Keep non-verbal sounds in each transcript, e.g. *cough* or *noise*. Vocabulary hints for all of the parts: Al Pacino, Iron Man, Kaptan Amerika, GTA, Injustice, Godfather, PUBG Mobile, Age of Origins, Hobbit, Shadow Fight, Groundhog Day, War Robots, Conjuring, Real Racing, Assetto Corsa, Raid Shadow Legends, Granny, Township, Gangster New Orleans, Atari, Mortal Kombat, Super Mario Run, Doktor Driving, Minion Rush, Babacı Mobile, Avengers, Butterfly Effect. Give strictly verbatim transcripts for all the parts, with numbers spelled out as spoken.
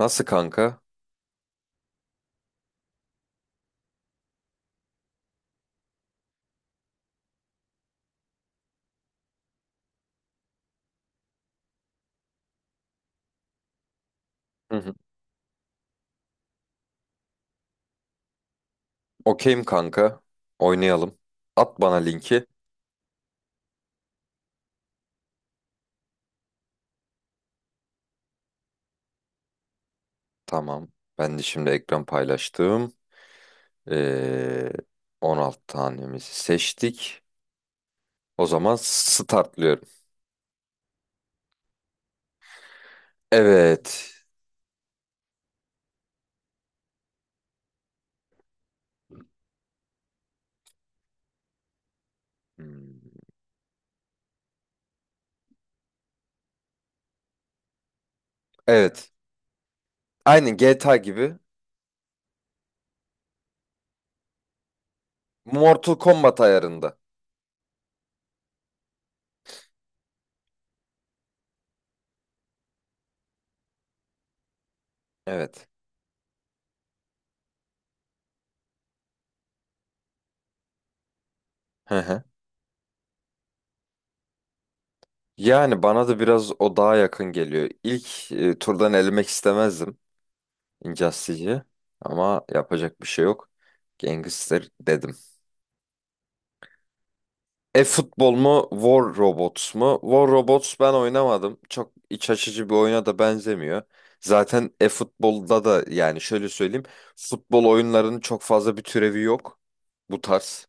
Nasıl kanka? Hı hı. Okeyim kanka. Oynayalım. At bana linki. Tamam. Ben de şimdi ekran paylaştım. Ee, on altı tanemizi seçtik. O zaman startlıyorum. Evet. Hmm, Evet. Aynı ge te a gibi. Mortal Kombat ayarında. Evet. Hı hı. Yani bana da biraz o daha yakın geliyor. İlk e, turdan elemek istemezdim Injustice'i. Ama yapacak bir şey yok. Gangster dedim. E-futbol mu, War Robots mu? War Robots ben oynamadım. Çok iç açıcı bir oyuna da benzemiyor. Zaten e-futbolda da yani şöyle söyleyeyim. Futbol oyunlarının çok fazla bir türevi yok. Bu tarz.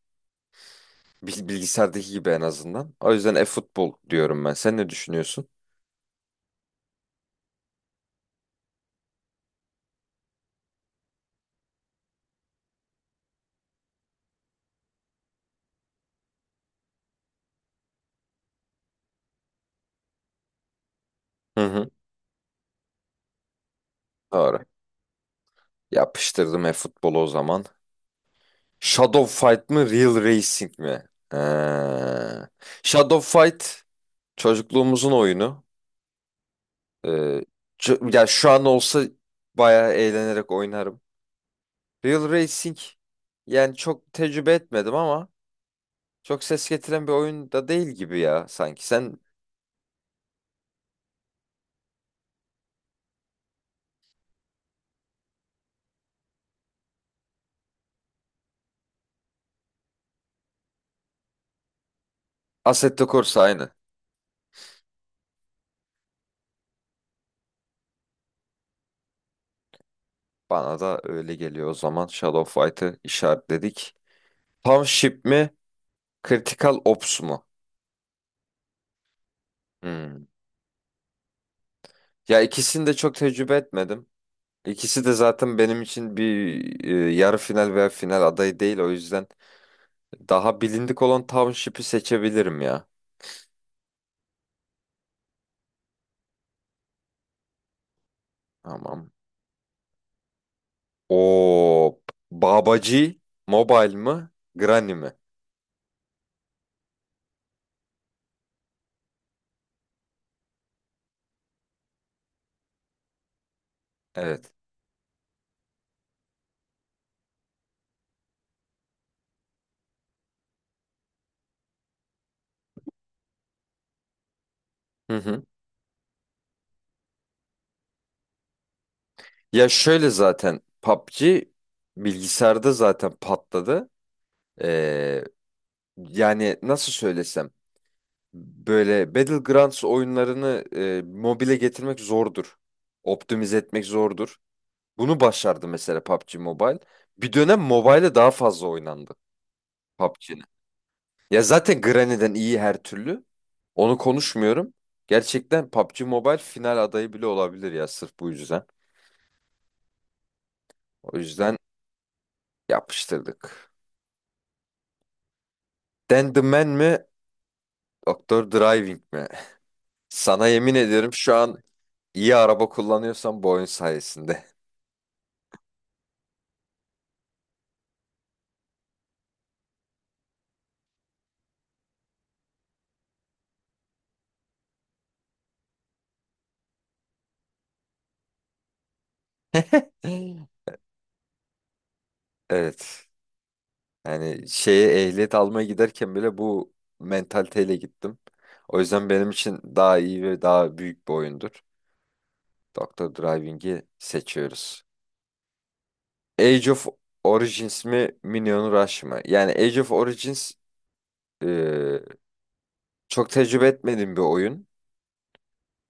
Bil- Bilgisayardaki gibi en azından. O yüzden e-futbol diyorum ben. Sen ne düşünüyorsun? Hı hı. Doğru. Yapıştırdım e-futbolu o zaman. Shadow Fight mı, Real Racing mi? Ee, Shadow Fight çocukluğumuzun oyunu. Ee, ço- Ya şu an olsa bayağı eğlenerek oynarım. Real Racing yani çok tecrübe etmedim ama çok ses getiren bir oyun da değil gibi ya sanki. Sen Assetto Corsa aynı. Bana da öyle geliyor o zaman. Shadow Fight'ı işaretledik. Pump Ship mi? Critical Ops mu? Hmm. Ya ikisini de çok tecrübe etmedim. İkisi de zaten benim için bir e, yarı final veya final adayı değil. O yüzden daha bilindik olan Township'i seçebilirim ya. Tamam. O Babacı Mobile mı? Granny mi? Evet. Hı hı. Ya şöyle zaten PUBG bilgisayarda zaten patladı. Ee, Yani nasıl söylesem böyle Battlegrounds oyunlarını e, mobile getirmek zordur. Optimize etmek zordur. Bunu başardı mesela PUBG Mobile. Bir dönem mobile'e daha fazla oynandı PUBG. Ya zaten Granny'den iyi her türlü. Onu konuşmuyorum. Gerçekten PUBG Mobile final adayı bile olabilir ya sırf bu yüzden. O yüzden yapıştırdık. Dan the Man mi? Doktor Driving mi? *laughs* Sana yemin ediyorum şu an iyi araba kullanıyorsan bu oyun sayesinde. *laughs* Evet. Yani şeye ehliyet almaya giderken bile bu mentaliteyle gittim. O yüzden benim için daha iyi ve daha büyük bir oyundur. Doktor Driving'i seçiyoruz. Age of Origins mi Minion Rush mı? Yani Age of Origins e, çok tecrübe etmediğim bir oyun.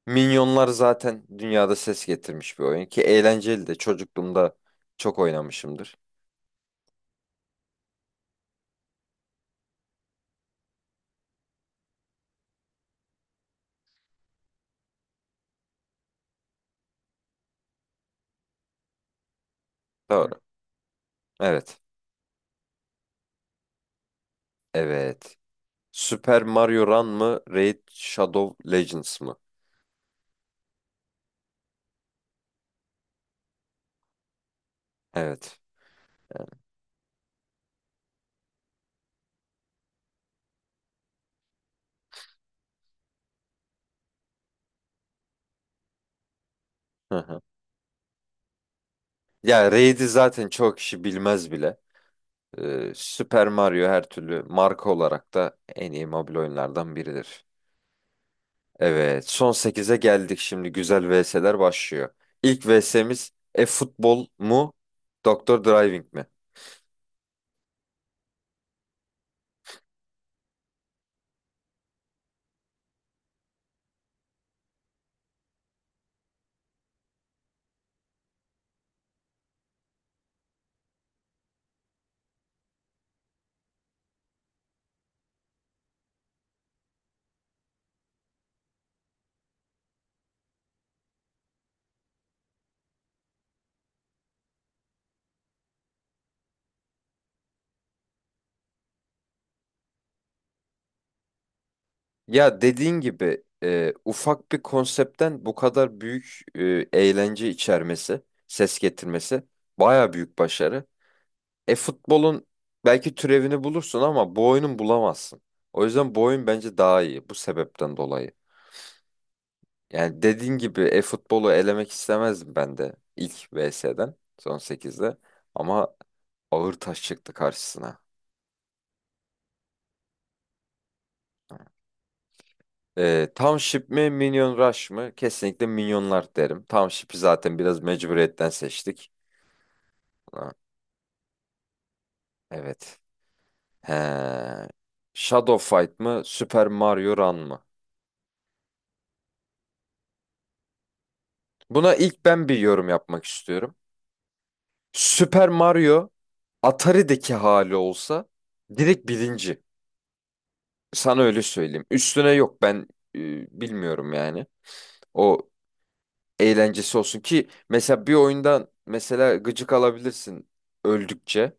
Minyonlar zaten dünyada ses getirmiş bir oyun ki eğlenceli de çocukluğumda çok oynamışımdır. Doğru. Evet. Evet. Super Mario Run mı Raid Shadow Legends mı? Evet. Hı hı. Ya Raid'i zaten çok kişi bilmez bile. E, Super Mario her türlü marka olarak da en iyi mobil oyunlardan biridir. Evet, son sekize geldik şimdi. Güzel vi es ler başlıyor. İlk vi es imiz e-futbol mu, Doktor Driving mi? Ya dediğin gibi e, ufak bir konseptten bu kadar büyük e, eğlence içermesi, ses getirmesi baya büyük başarı. E-futbolun belki türevini bulursun ama bu oyunun bulamazsın. O yüzden bu oyun bence daha iyi bu sebepten dolayı. Yani dediğin gibi e-futbolu elemek istemezdim ben de ilk versustan son sekizde. Ama ağır taş çıktı karşısına. Ee, Township mi Minion Rush mı? Kesinlikle Minyonlar derim. Township'i zaten biraz mecburiyetten seçtik. Ha, evet. He. Shadow Fight mı Super Mario Run mı? Buna ilk ben bir yorum yapmak istiyorum. Super Mario Atari'deki hali olsa direkt birinci. Sana öyle söyleyeyim. Üstüne yok ben e, bilmiyorum yani. O eğlencesi olsun ki mesela bir oyundan mesela gıcık alabilirsin öldükçe.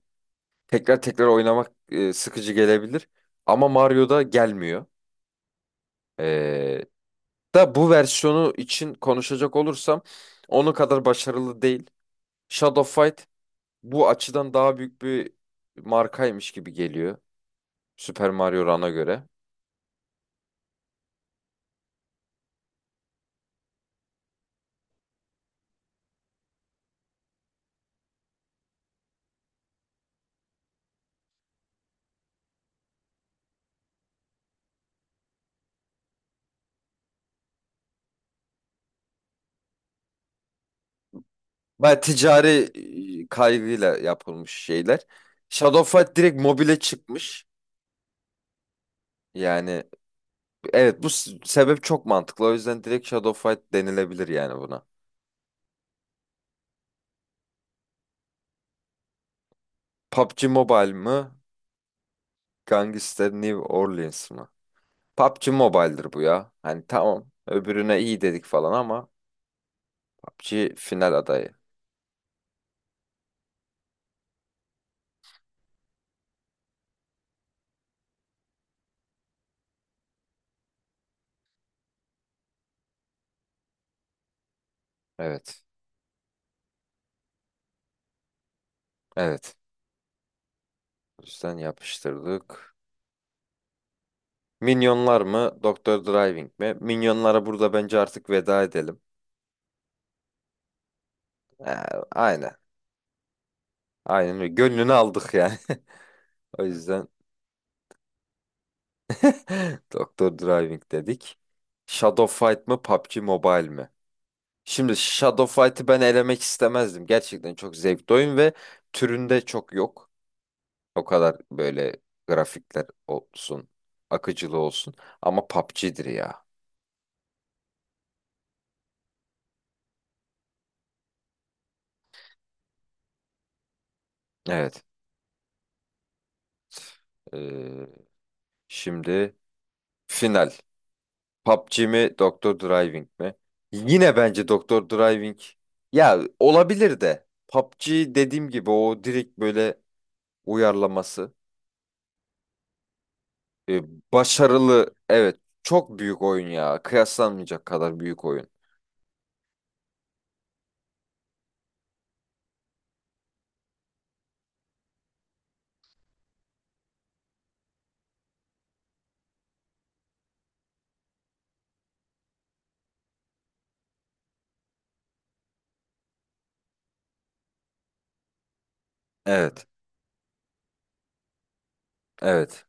Tekrar tekrar oynamak e, sıkıcı gelebilir ama Mario'da gelmiyor. Ee, Da bu versiyonu için konuşacak olursam onun kadar başarılı değil. Shadow Fight bu açıdan daha büyük bir markaymış gibi geliyor Super Mario Run'a göre. Baya ticari e, kaygıyla yapılmış şeyler. Shadow Fight direkt mobile çıkmış. Yani evet, bu s- sebep çok mantıklı. O yüzden direkt Shadow Fight denilebilir yani buna. PUBG Mobile mı? Gangster New Orleans mı? PUBG Mobile'dir bu ya. Hani tamam öbürüne iyi dedik falan ama PUBG final adayı. Evet. Evet. O yüzden yapıştırdık. Minyonlar mı? Doktor Driving mi? Minyonlara burada bence artık veda edelim. Ee, aynen. Aynen öyle. Gönlünü aldık yani. *laughs* O yüzden *laughs* Doktor Driving dedik. Shadow Fight mı? PUBG Mobile mi? Şimdi Shadow Fight'ı ben elemek istemezdim. Gerçekten çok zevkli oyun ve türünde çok yok. O kadar böyle grafikler olsun, akıcılığı olsun. Ama PUBG'dir ya. Evet. Ee, Şimdi final. PUBG mi, Doktor Driving mi? Yine bence Doktor Driving. Ya olabilir de. PUBG dediğim gibi o direkt böyle uyarlaması. Ee, Başarılı. Evet. Çok büyük oyun ya. Kıyaslanmayacak kadar büyük oyun. Evet. Evet,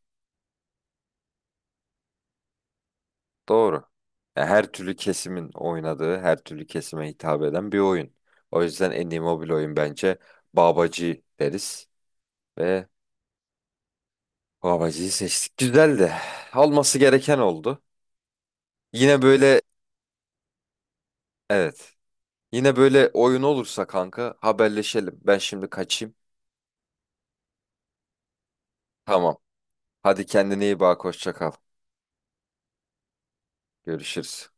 doğru. Ya her türlü kesimin oynadığı, her türlü kesime hitap eden bir oyun. O yüzden en iyi mobil oyun bence Babacı deriz ve Babacı'yı seçtik. Güzeldi. Alması gereken oldu. Yine böyle evet. Yine böyle oyun olursa kanka haberleşelim. Ben şimdi kaçayım. Tamam. Hadi kendine iyi bak. Hoşça kal. Görüşürüz.